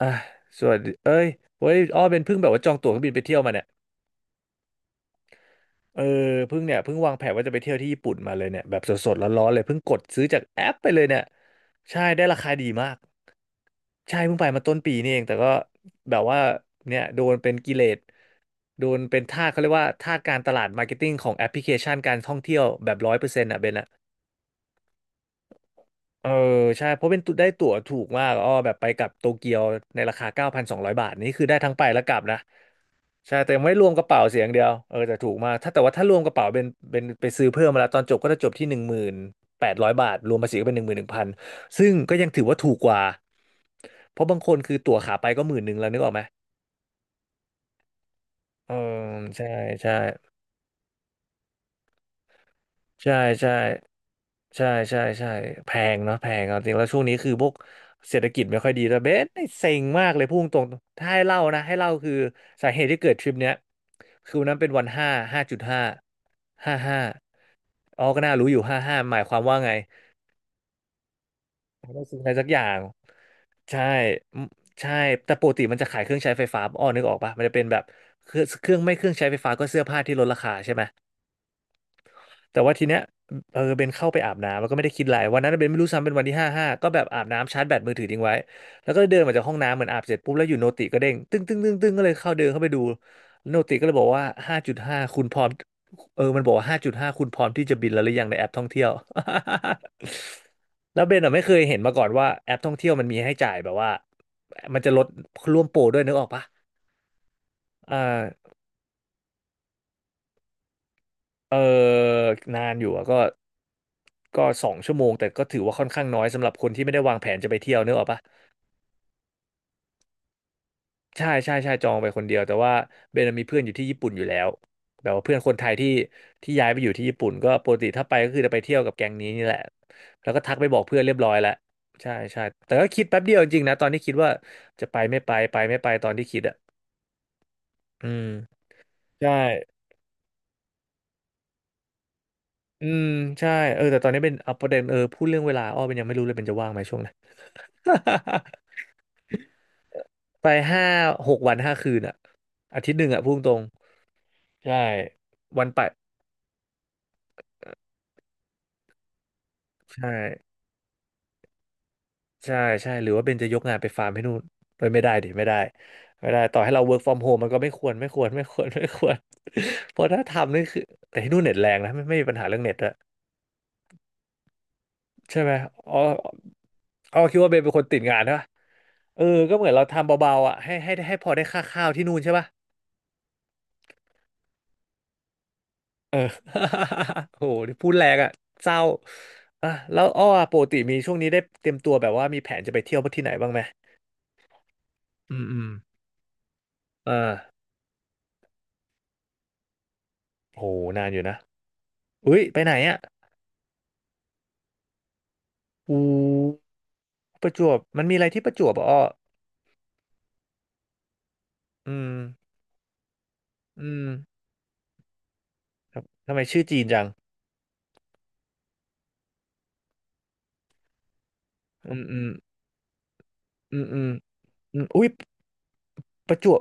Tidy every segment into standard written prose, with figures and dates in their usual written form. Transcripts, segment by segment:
อ่ะส่วนเอ้ยเว้ยอ้อเป็นเพิ่งแบบว่าจองตั๋วเครื่องบินไปเที่ยวมาเนี่ยเออเพิ่งเนี่ยเพิ่งวางแผนว่าจะไปเที่ยวที่ญี่ปุ่นมาเลยเนี่ยแบบสดๆร้อนๆเลยเพิ่งกดซื้อจากแอปไปเลยเนี่ยใช่ได้ราคาดีมาก ใช่เพิ่งไปมาต้นปีนี่เองแต่ก็แบบว่าเนี่ยโดนเป็นกิเลสโดนเป็นทาสเขาเรียกว่าทาสการตลาดมาร์เก็ตติ้งของแอปพลิเคชันการท่องเที่ยวแบบ100%อ่ะเบนอ่ะเออใช่เพราะเป็นตุได้ตั๋วถูกมากอ้อแบบไปกลับโตเกียวในราคา9,200 บาทนี่คือได้ทั้งไปและกลับนะ ใช่แต่ยังไม่รวมกระเป๋าเสียอย่างเดียวเออแต่ถูกมากถ้าแต่ว่าถ้ารวมกระเป๋าเป็นเป็นไปซื้อเพิ่มมาแล้วตอนจบก็จะจบที่10,800 บาทรวมภาษีก็เป็น11,000ซึ่งก็ยังถือว่าถูกกว่าเพราะบางคนคือตั๋วขาไปก็หมื่นหนึ่งแล้วนึกออกไหมเออใช่ใช่ใช่ใช่ใช่ใช่ใช่แพงเนาะแพงเอาจริงแล้วช่วงนี้คือพวกเศรษฐกิจไม่ค่อยดีแต่เบสนี่เซ็งมากเลยพูดตรงๆถ้าให้เล่านะให้เล่าคือสาเหตุที่เกิดทริปเนี้ยคือวันนั้นเป็นวันห้าห้าจุดห้าห้าห้า อ๋อก็น่ารู้อยู่5.5หมายความว่าไงต้องซื้ออะไรสักอย่าง ใช่อืมใช่แต่ปกติมันจะขายเครื่องใช้ไฟฟ้าอ้อนึกออกปะมันจะเป็นแบบเครื่องเครื่องไม่เครื่องใช้ไฟฟ้าก็เสื้อผ้าที่ลดราคาใช่ไหม แต่ว่าทีเนี้ยเออเบนเข้าไปอาบน้ำแล้วก็ไม่ได้คิดอะไรวันนั้นเบนไม่รู้ซ้ำเป็นวันที่ห้าห้าก็แบบอาบน้ำชาร์จแบตมือถือทิ้งไว้แล้วก็เดินมาจากห้องน้ำเหมือนอาบเสร็จปุ๊บแล้วอยู่โนติก็เด้งตึ้งตึ้งตึ้งตึ้งก็เลยเข้าเดินเข้าไปดูโนติก็เลยบอกว่าห้าจุดห้าคุณพร้อมเออมันบอกว่าห้าจุดห้าคุณพร้อมที่จะบินแล้วหรือยังในแอปท่องเที่ยว แล้วเบนอ่ะไม่เคยเห็นมาก่อนว่าแอปท่องเที่ยวมันมีให้จ่ายแบบว่ามันจะลดร่วมโปรด้วยนึกออกปะอ่า เออนานอยู่อะก็ก็2 ชั่วโมงแต่ก็ถือว่าค่อนข้างน้อยสำหรับคนที่ไม่ได้วางแผนจะไปเที่ยวเนกอะปะใช่ใช่ใช่จองไปคนเดียวแต่ว่าเบนมีเพื่อนอยู่ที่ญี่ปุ่นอยู่แล้วแบบว่าเพื่อนคนไทยที่ที่ย้ายไปอยู่ที่ญี่ปุ่นก็ปกติถ้าไปก็คือจะไปเที่ยวกับแก๊งนี้นี่แหละแล้วก็ทักไปบอกเพื่อนเรียบร้อยแล้วใช่ใช่แต่ก็คิดแป๊บเดียวจริงๆนะตอนที่คิดว่าจะไปไม่ไปไปไม่ไปตอนที่คิดอ่ะอืมใช่อืมใช่เออแต่ตอนนี้เป็นเอาประเด็นเออพูดเรื่องเวลาอ้อเป็นยังไม่รู้เลยเป็นจะว่างไหมช่วงนั้น ไป5-6 วัน 5 คืนอ่ะอาทิตย์หนึ่งอ่ะพุ่งตรงใช่ๆวันไปใช่ใช่ใช่หรือว่าเบนจะยกงานไปฟาร์มให้นู่นเอ้ยไม่ได้ดิไม่ได้ไม่ได้ต่อให้เรา work from home มันก็ไม่ควรไม่ควรไม่ควร ไม่ควร เพราะถ้าทำนี่คือแต่ที่นู่นเน็ตแรงนะไม่มีปัญหาเรื่องเน็ตอะใช่ไหมอ๋ออ๋อคิดว่าเบนเป็นคนติดงานใช่ปะเออก็เหมือนเราทำเบาๆอ่ะให้พอได้ค่าข้าวที่นู่นใช่ปะ เออ โหพูดแรงอ่ะเศร้าอ่ะแล้วอ้ออะปกติมีช่วงนี้ได้เตรียมตัวแบบว่ามีแผนจะไปเที่ยวที่ไหนบ้างไหมอืมอืมอ่าโหนานอยู่นะอุ้ยไปไหนอ่ะอูประจวบมันมีอะไรที่ประจวบอ่ะอ้ออืมอืมครับทำไมชื่อจีนจังอืมอืมอืมอืมอืมอุ้ยประจวบ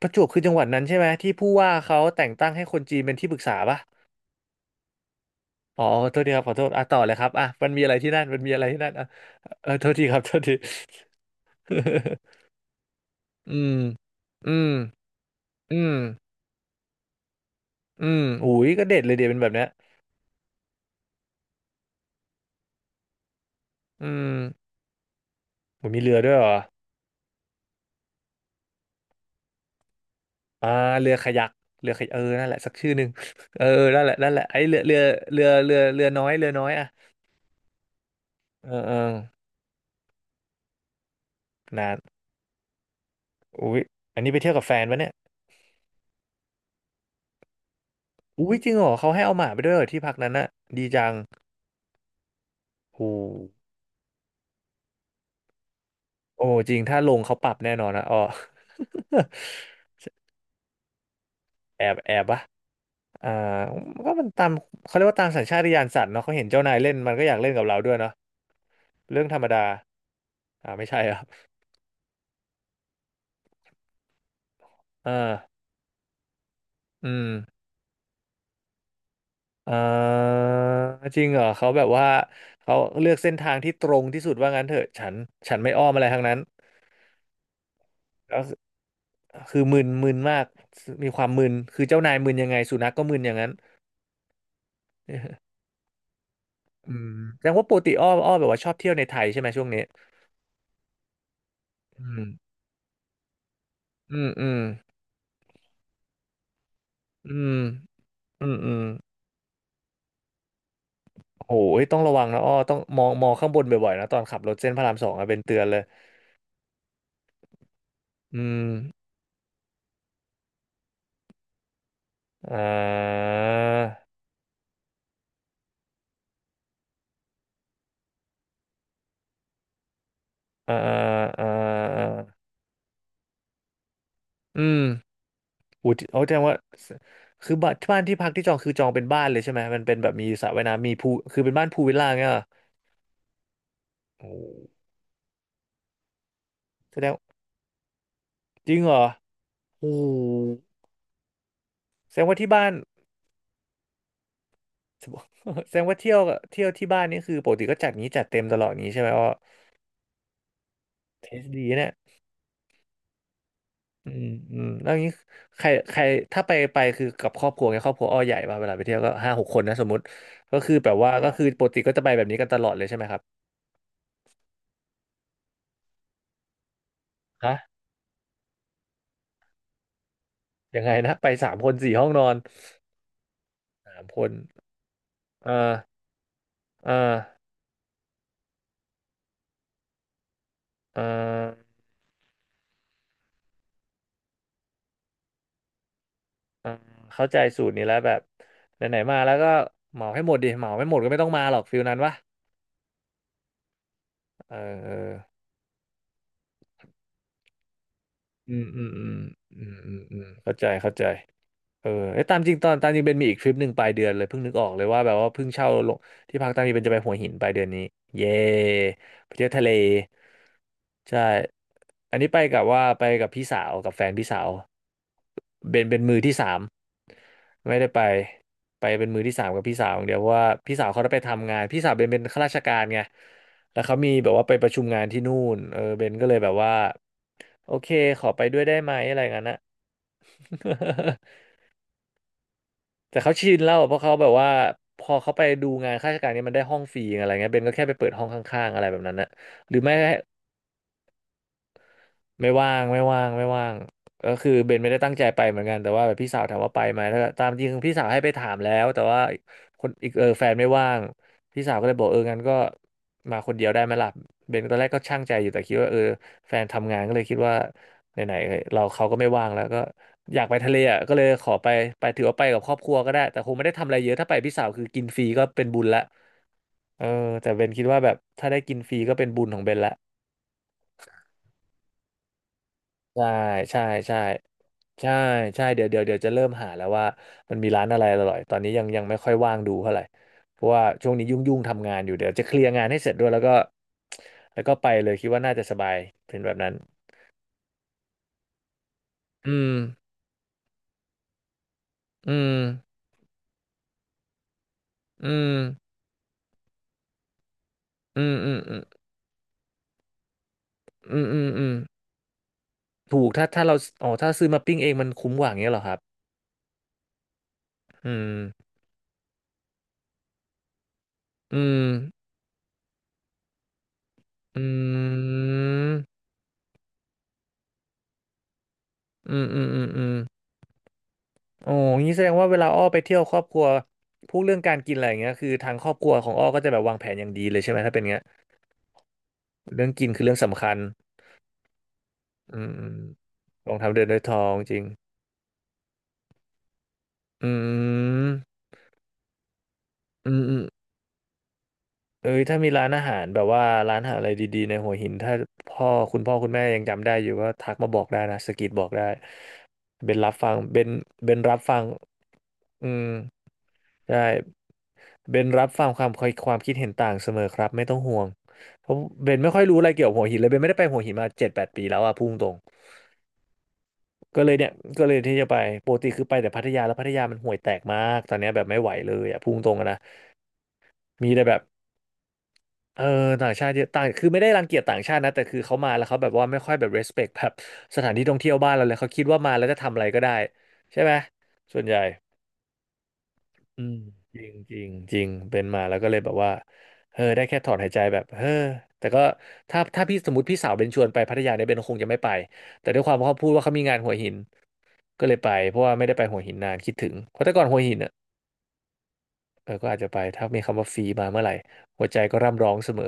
ประจวบคือจังหวัดนั้นใช่ไหมที่ผู้ว่าเขาแต่งตั้งให้คนจีนเป็นที่ปรึกษาป่ะอ๋อโทษทีครับขอโทษอ่ะต่อเลยครับอ่ะมันมีอะไรที่นั่นมันมีอะไรที่นั่นอ่ะเออโทษทีครับโทษที อืมอืมอืมอืมอุ้ยก็เด็ดเลยเดียวเป็นแบบเนี้ยอืมผมมีเรือด้วยเหรออ่าเรือคายักเรือคายักเออ นั่นแหละสักชื่อหนึ่ง เออ นั่นแหละนั่นแหละไอ้เรือเรือน้อยเรือน้อยอ่ะเออเออนานอุ้ยอันนี้ไปเที่ยวกับแฟนปะเนี่ยอุ้ยจริงเหรอ เขาให้เอาหมาไปด้วยเหรอที่พักนั้นน่ะดีจังโหโอ้จริงถ้าลงเขาปรับแน่นอนนะอ๋อ แอบแอบปะอ่าก็มันตามเขาเรียกว่าตามสัญชาตญาณสัตว์เนาะเขาเห็นเจ้านายเล่นมันก็อยากเล่นกับเราด้วยเนาะเรื่องธรรมดาอ่าไม่ใช่ครับอ่าอืมอ่าจริงเหรอเขาแบบว่าเขาเลือกเส้นทางที่ตรงที่สุดว่างั้นเถอะฉันฉันไม่อ้อมอะไรทั้งนั้นก็คือคือมึนมากมีความมึนคือเจ้านายมึนยังไงสุนัขก็มึนอย่างนั้น อืมแสดงว่าปกติอ้อมแบบว่าชอบเที่ยวในไทยใช่ไหมช่วงนี้อืมอืมอืมอืมอืมอืม โอ้ยต้องระวังนะอ้อต้องมองข้างบนบ่อยๆนะตอนขับรถเส้นพระรามสองอะเป็นเตือนเลยอืมอ่าอ่าอ่าอ่าอืมอูทีเอาแสดงว่าคือบ้านที่พักที่จองคือจองเป็นบ้านเลยใช่ไหมมันเป็นแบบมีสระว่ายน้ำมีพูลคือเป็นบ้านพูลวิลล่าเงี้ยเหรอโอ้โหแสดงจริงเหรอโอ้โหแสดงว่าที่บ้าน แสดงว่าเที่ยวที่บ้านนี่คือปกติก็จัดงี้จัดเต็มตลอดงี้ใช่ไหมอ้อเทสดีเนี่ย อืมอืมแล้วอย่างนี้ใครใครถ้าไปไปคือกับครอบครัวไงครอบครัวอ้อใหญ่ป่ะเวลาไปเที่ยวก็ห้าหกคนนะสมมติก็คือแบบว่าก็คือปกติก็จะไปแบบนี้กันตลอดเลยใช่ไหมครับฮะยังไงนะไปสามคนสี่ห้องนอนสามคนเออเออเออเออเข้าใจสูตรนี้แล้วแบบไหนๆมาแล้วก็เหมาให้หมดดิเหมาไม่หมดก็ไม่ต้องมาหรอกฟิลนั้นวะเออเออ อืมอืมอืมอืมอืมอืมเข้าใจเข้าใจเออไอ้ยตามจริงตอนตามจริงเบนมีอีกทริปหนึ่งปลายเดือนเลยเพิ่งนึกออกเลยว่าแบบว่าเพิ่งเช่าลงที่พักตามจริงเบนจะไปหัวหินปลายเดือนนี้เย่ไปเที่ยวทะเลใช่อันนี้ไปกับพี่สาวกับแฟนพี่สาวเป็นมือที่สามไม่ได้ไปไปเป็นมือที่สามกับพี่สาวอย่างเดียวเพราะว่าพี่สาวเขาได้ไปทำงานพี่สาวเบนเป็นข้าราชการไงแล้วเขามีแบบว่าไปประชุมงานที่นู่นเออเบนก็เลยแบบว่า โอเคขอไปด้วยได้ไหมอะไรงั้นนะ แต่เขาชินแล้วเพราะเขาแบบว่าพอเขาไปดูงานข้าราชการเนี่ยมันได้ห้องฟรีอะไรเงี้ยเบนก็แค่ไปเปิดห้องข้างๆอะไรแบบนั้นนะหรือไม่ ไม่ว่างไม่ว่างก็คือเบนไม่ได้ตั้งใจไปเหมือนกันแต่ว่าแบบพี่สาวถามว่าไปไหมถ้าตามจริงพี่สาวให้ไปถามแล้วแต่ว่าคนอีกเออแฟนไม่ว่างพี่สาวก็เลยบอกเอองั้นก็มาคนเดียวได้ไหมล่ะเบนตอนแรกก็ช่างใจอยู่แต่คิดว่าเออแฟนทำงานก็เลยคิดว่าไหนๆเราเขาก็ไม่ว่างแล้วก็อยากไปทะเลอ่ะก็เลยขอไปไปถือว่าไปกับครอบครัวก็ได้แต่คงไม่ได้ทำอะไรเยอะถ้าไปพี่สาวคือกินฟรีก็เป็นบุญละเออแต่เบนคิดว่าแบบถ้าได้กินฟรีก็เป็นบุญของเบนละ ใช่ใช่ใช่ใช่ใช่เดี๋ยวเดี๋ยวจะเริ่มหาแล้วว่ามันมีร้านอะไรอร่อยตอนนี้ยังไม่ค่อยว่างดูเท่าไหร่เพราะว่าช่วงนี้ยุ่งทำงานอยู่เดี๋ยวจะเคลียร์งานให้เสร็จด้วยแล้วก็ไปเลยคิดว่าน่าจะสบายเป็นแบบนั้นอืมอืมอืมอืมอืมอืมอืมอืมอืมถูกถ้าเราอ๋อถ้าซื้อมาปิ้งเองมันคุ้มกว่าอย่างเงี้ยเหรอครับอืมอืมอืมอืมอืมอืมอืม โอ้งี้แสดงว่าเวลาอ้อไปเที่ยวครอบครัวพูดเรื่องการกินอะไรอย่างเงี้ยคือทางครอบครัวของอ้อก็จะแบบวางแผนอย่างดีเลยใช่ไหมถ้าเป็นเงี้ยเรื่องกินคือเรื่องสำคัญอืมรองเท้าเดินด้วยทองจริงอืมอืมอืมเอ้ยถ้ามีร้านอาหารแบบว่าร้านอาหารอะไรดีๆในหัวหินถ้าพ่อคุณแม่ยังจำได้อยู่ก็ทักมาบอกได้นะสะกิดบอกได้เป็นรับฟังเป็นรับฟังอืมใช่ เบนรับฟังความคิดเห็นต่างเสมอครับไม่ต้องห่วงเพราะเบนไม่ค่อยรู้อะไรเกี่ยวกับหัวหินเลยเบนไม่ได้ไปหัวหินมาเจ็ดแปดปีแล้วอะพุ่งตรงก็เลยเนี่ยก็เลยที่จะไปปกติคือไปแต่พัทยาแล้วพัทยามันห่วยแตกมากตอนเนี้ยแบบไม่ไหวเลยอะพุ่งตรงอะนะมีแต่แบบเออต่างชาติเยอะต่างคือไม่ได้รังเกียจต่างชาตินะแต่คือเขามาแล้วเขาแบบว่าไม่ค่อยแบบ respect แบบสถานที่ท่องเที่ยวบ้านเราเลยเขาคิดว่ามาแล้วจะทำอะไรก็ได้ใช่ไหมส่วนใหญ่ อืมจริงจริงจริงเป็นมาแล้วก็เลยแบบว่าเออได้แค่ถอนหายใจแบบเออแต่ก็ถ้าพี่สมมติพี่สาวเบนชวนไปพัทยาเนี่ยเบนคงจะไม่ไปแต่ด้วยความว่าเขาพูดว่าเขามีงานหัวหินก็เลยไปเพราะว่าไม่ได้ไปหัวหินนานคิดถึงเพราะแต่ก่อนหัวหินอ่ะเออก็อาจจะไปถ้ามีคำว่าฟรีมาเมื่อไหร่หัวใจก็ร่ำร้องเสมอ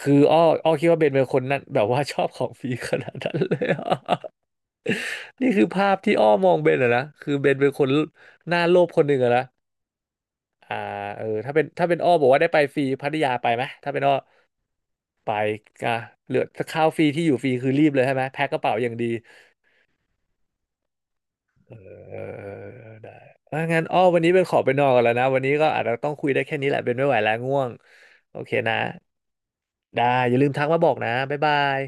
คืออ้ออ้อคิดว่าเบนเป็นคนนั้นแบบว่าชอบของฟรีขนาดนั้นเลยอะ นี่คือภาพที่อ้อมองเบนอะนะคือเบนเป็นคนหน้าโลภคนหนึ่งอะนะ อ่าเออถ้าเป็นอ้อบอกว่าได้ไปฟรีพัทยาไปไหมถ้าเป็นอ้อไปอ่ะเหลือข้าวฟรีที่อยู่ฟรีคือรีบเลยใช่ไหมแพ็คกระเป๋าอย่างดีเออได้อ่ะงั้นอ้อวันนี้เป็นขอไปนอนก่อนแล้วนะวันนี้ก็อาจจะต้องคุยได้แค่นี้แหละเป็นไม่ไหวแล้วง่วงโอเคนะได้อย่าลืมทักมาบอกนะบ๊ายบาย